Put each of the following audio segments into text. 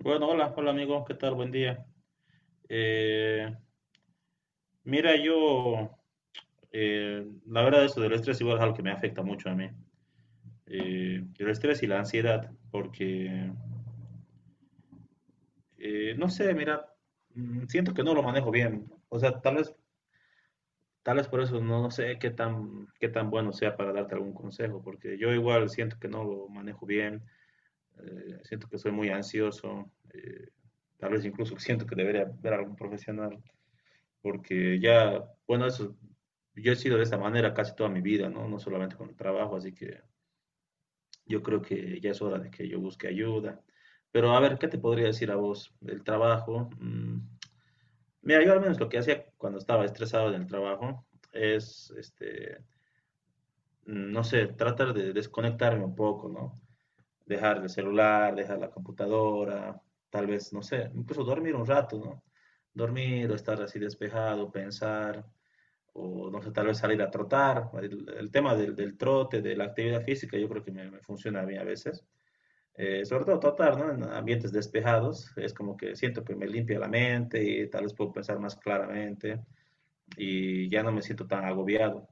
Bueno, hola, hola amigos, ¿qué tal? Buen día. Eh, mira, yo, la verdad, eso del estrés igual es algo que me afecta mucho a mí. El estrés y la ansiedad, porque, no sé, mira, siento que no lo manejo bien. O sea, tal vez por eso no, no sé qué tan bueno sea para darte algún consejo, porque yo igual siento que no lo manejo bien, siento que soy muy ansioso, tal vez incluso siento que debería ver a algún profesional. Porque ya, bueno, eso, yo he sido de esta manera casi toda mi vida, ¿no? No solamente con el trabajo, así que yo creo que ya es hora de que yo busque ayuda. Pero a ver, ¿qué te podría decir a vos? El trabajo, mira, yo al menos lo que hacía cuando estaba estresado en el trabajo es, no sé, tratar de desconectarme un poco, ¿no? Dejar el celular, dejar la computadora, tal vez, no sé, incluso dormir un rato, ¿no? Dormir o estar así despejado, pensar. O no sé, tal vez salir a trotar. El tema del trote, de la actividad física, yo creo que me funciona a mí a veces. Sobre todo trotar, ¿no? En ambientes despejados, es como que siento que me limpia la mente y tal vez puedo pensar más claramente y ya no me siento tan agobiado.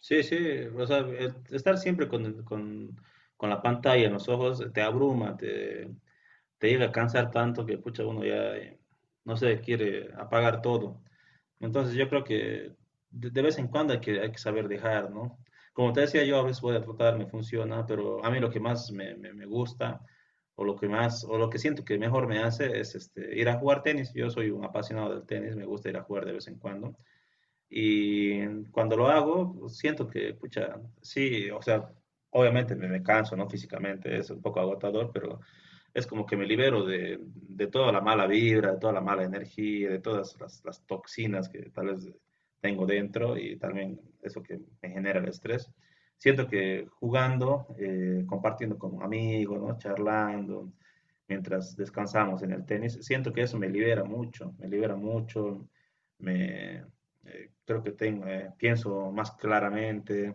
Sí, sí, o sea, el estar siempre con la pantalla en los ojos te abruma, te llega a cansar tanto que, pucha, uno ya, no sé, quiere apagar todo. Entonces yo creo que de vez en cuando hay que saber dejar, ¿no? Como te decía, yo a veces voy a tratar, me funciona, pero a mí lo que más me, me gusta o lo que más, o lo que siento que mejor me hace es este, ir a jugar tenis. Yo soy un apasionado del tenis, me gusta ir a jugar de vez en cuando. Y cuando lo hago, pues, siento que, pucha, sí, o sea, obviamente me, me canso, ¿no? Físicamente es un poco agotador, pero es como que me libero de, toda la mala vibra, de toda la mala energía, de todas las toxinas que tal vez tengo dentro y también eso que me genera el estrés. Siento que jugando, compartiendo con amigos, ¿no? Charlando, mientras descansamos en el tenis, siento que eso me libera mucho, me libera mucho, me, creo que tengo, pienso más claramente,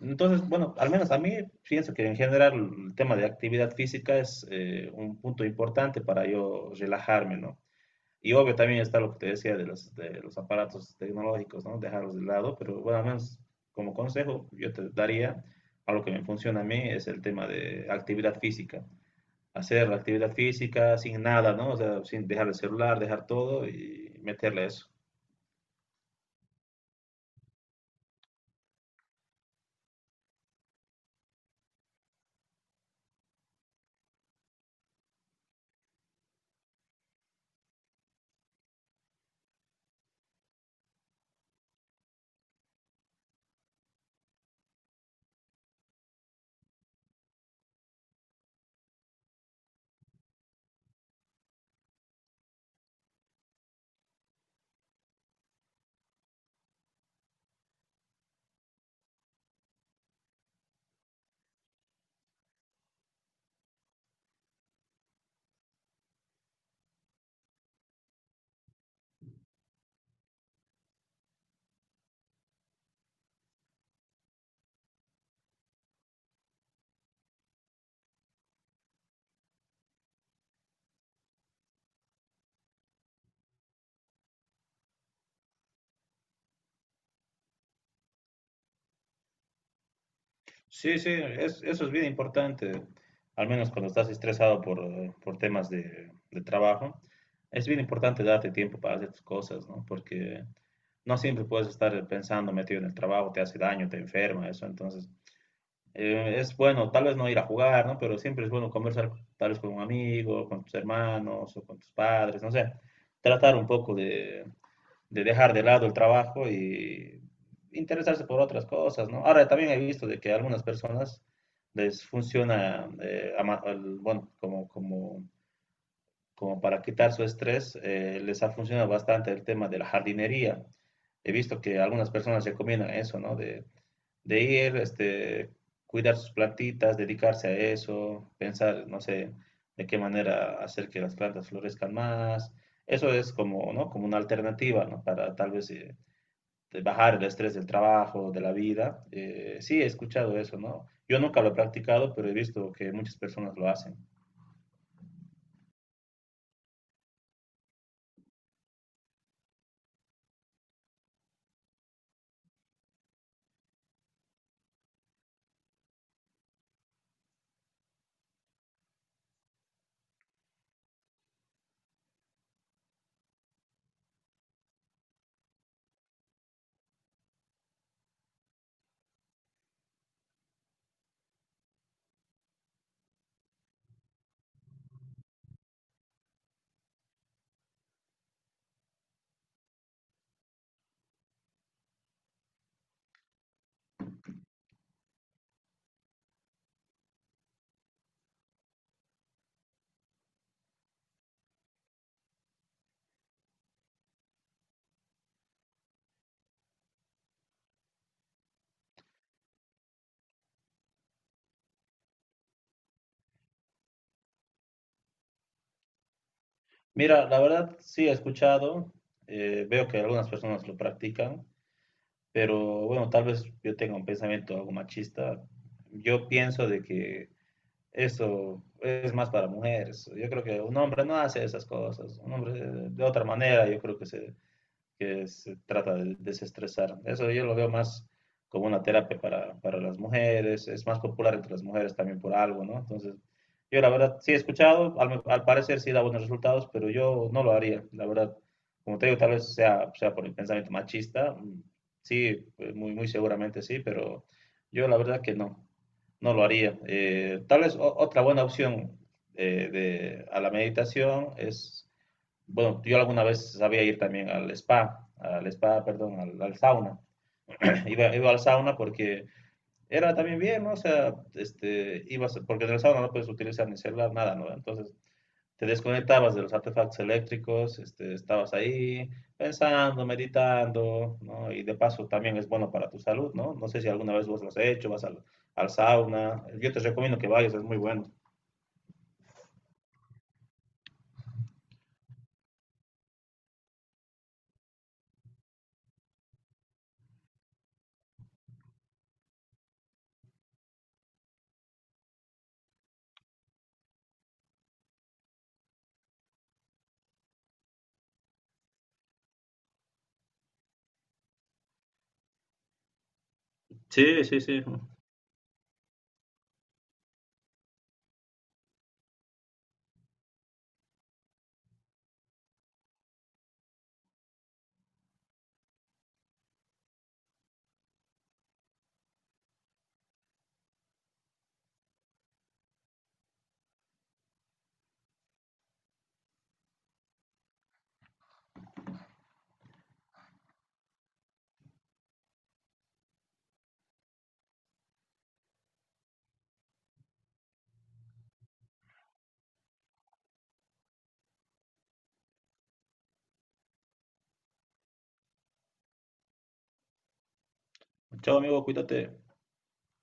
entonces, bueno, al menos a mí pienso que en general el tema de actividad física es un punto importante para yo relajarme, ¿no? Y obvio también está lo que te decía de los aparatos tecnológicos, ¿no? Dejarlos de lado, pero bueno, al menos como consejo yo te daría, algo que me funciona a mí es el tema de actividad física. Hacer actividad física sin nada, ¿no? O sea, sin dejar el celular, dejar todo y meterle eso. Sí, sí, eso es bien importante, al menos cuando estás estresado por temas de trabajo, es bien importante darte tiempo para hacer tus cosas, ¿no? Porque no siempre puedes estar pensando metido en el trabajo, te hace daño, te enferma, eso, entonces es bueno, tal vez no ir a jugar, ¿no? Pero siempre es bueno conversar tal vez con un amigo, con tus hermanos o con tus padres, no sé, tratar un poco de dejar de lado el trabajo y interesarse por otras cosas, ¿no? Ahora también he visto de que a algunas personas les funciona, bueno, como para quitar su estrés, les ha funcionado bastante el tema de la jardinería. He visto que algunas personas recomiendan eso, ¿no? De ir, este, cuidar sus plantitas, dedicarse a eso, pensar, no sé, de qué manera hacer que las plantas florezcan más. Eso es como, ¿no? Como una alternativa, ¿no? Para tal vez de bajar el estrés del trabajo, de la vida. Sí, he escuchado eso, ¿no? Yo nunca lo he practicado, pero he visto que muchas personas lo hacen. Mira, la verdad, sí he escuchado, veo que algunas personas lo practican, pero bueno, tal vez yo tenga un pensamiento algo machista. Yo pienso de que eso es más para mujeres. Yo creo que un hombre no hace esas cosas. Un hombre de otra manera, yo creo que se trata de desestresar. Eso yo lo veo más como una terapia para las mujeres, es más popular entre las mujeres también por algo, ¿no? Entonces, yo la verdad sí he escuchado, al, al parecer sí da buenos resultados, pero yo no lo haría, la verdad. Como te digo, tal vez sea, sea por el pensamiento machista, sí, muy, muy seguramente sí, pero yo la verdad que no, no lo haría. Tal vez o- Otra buena opción de, a la meditación es bueno, yo alguna vez sabía ir también al spa, perdón, al, al sauna. Iba, iba, al sauna porque era también bien, ¿no? O sea, este, ibas, porque en el sauna no puedes utilizar ni celular, nada, ¿no? Entonces te desconectabas de los artefactos eléctricos, este, estabas ahí pensando, meditando, ¿no? Y de paso también es bueno para tu salud, ¿no? No sé si alguna vez vos lo has hecho, vas al, al sauna. Yo te recomiendo que vayas, es muy bueno. Sí, sí, sí. Chao, amigo, cuídate.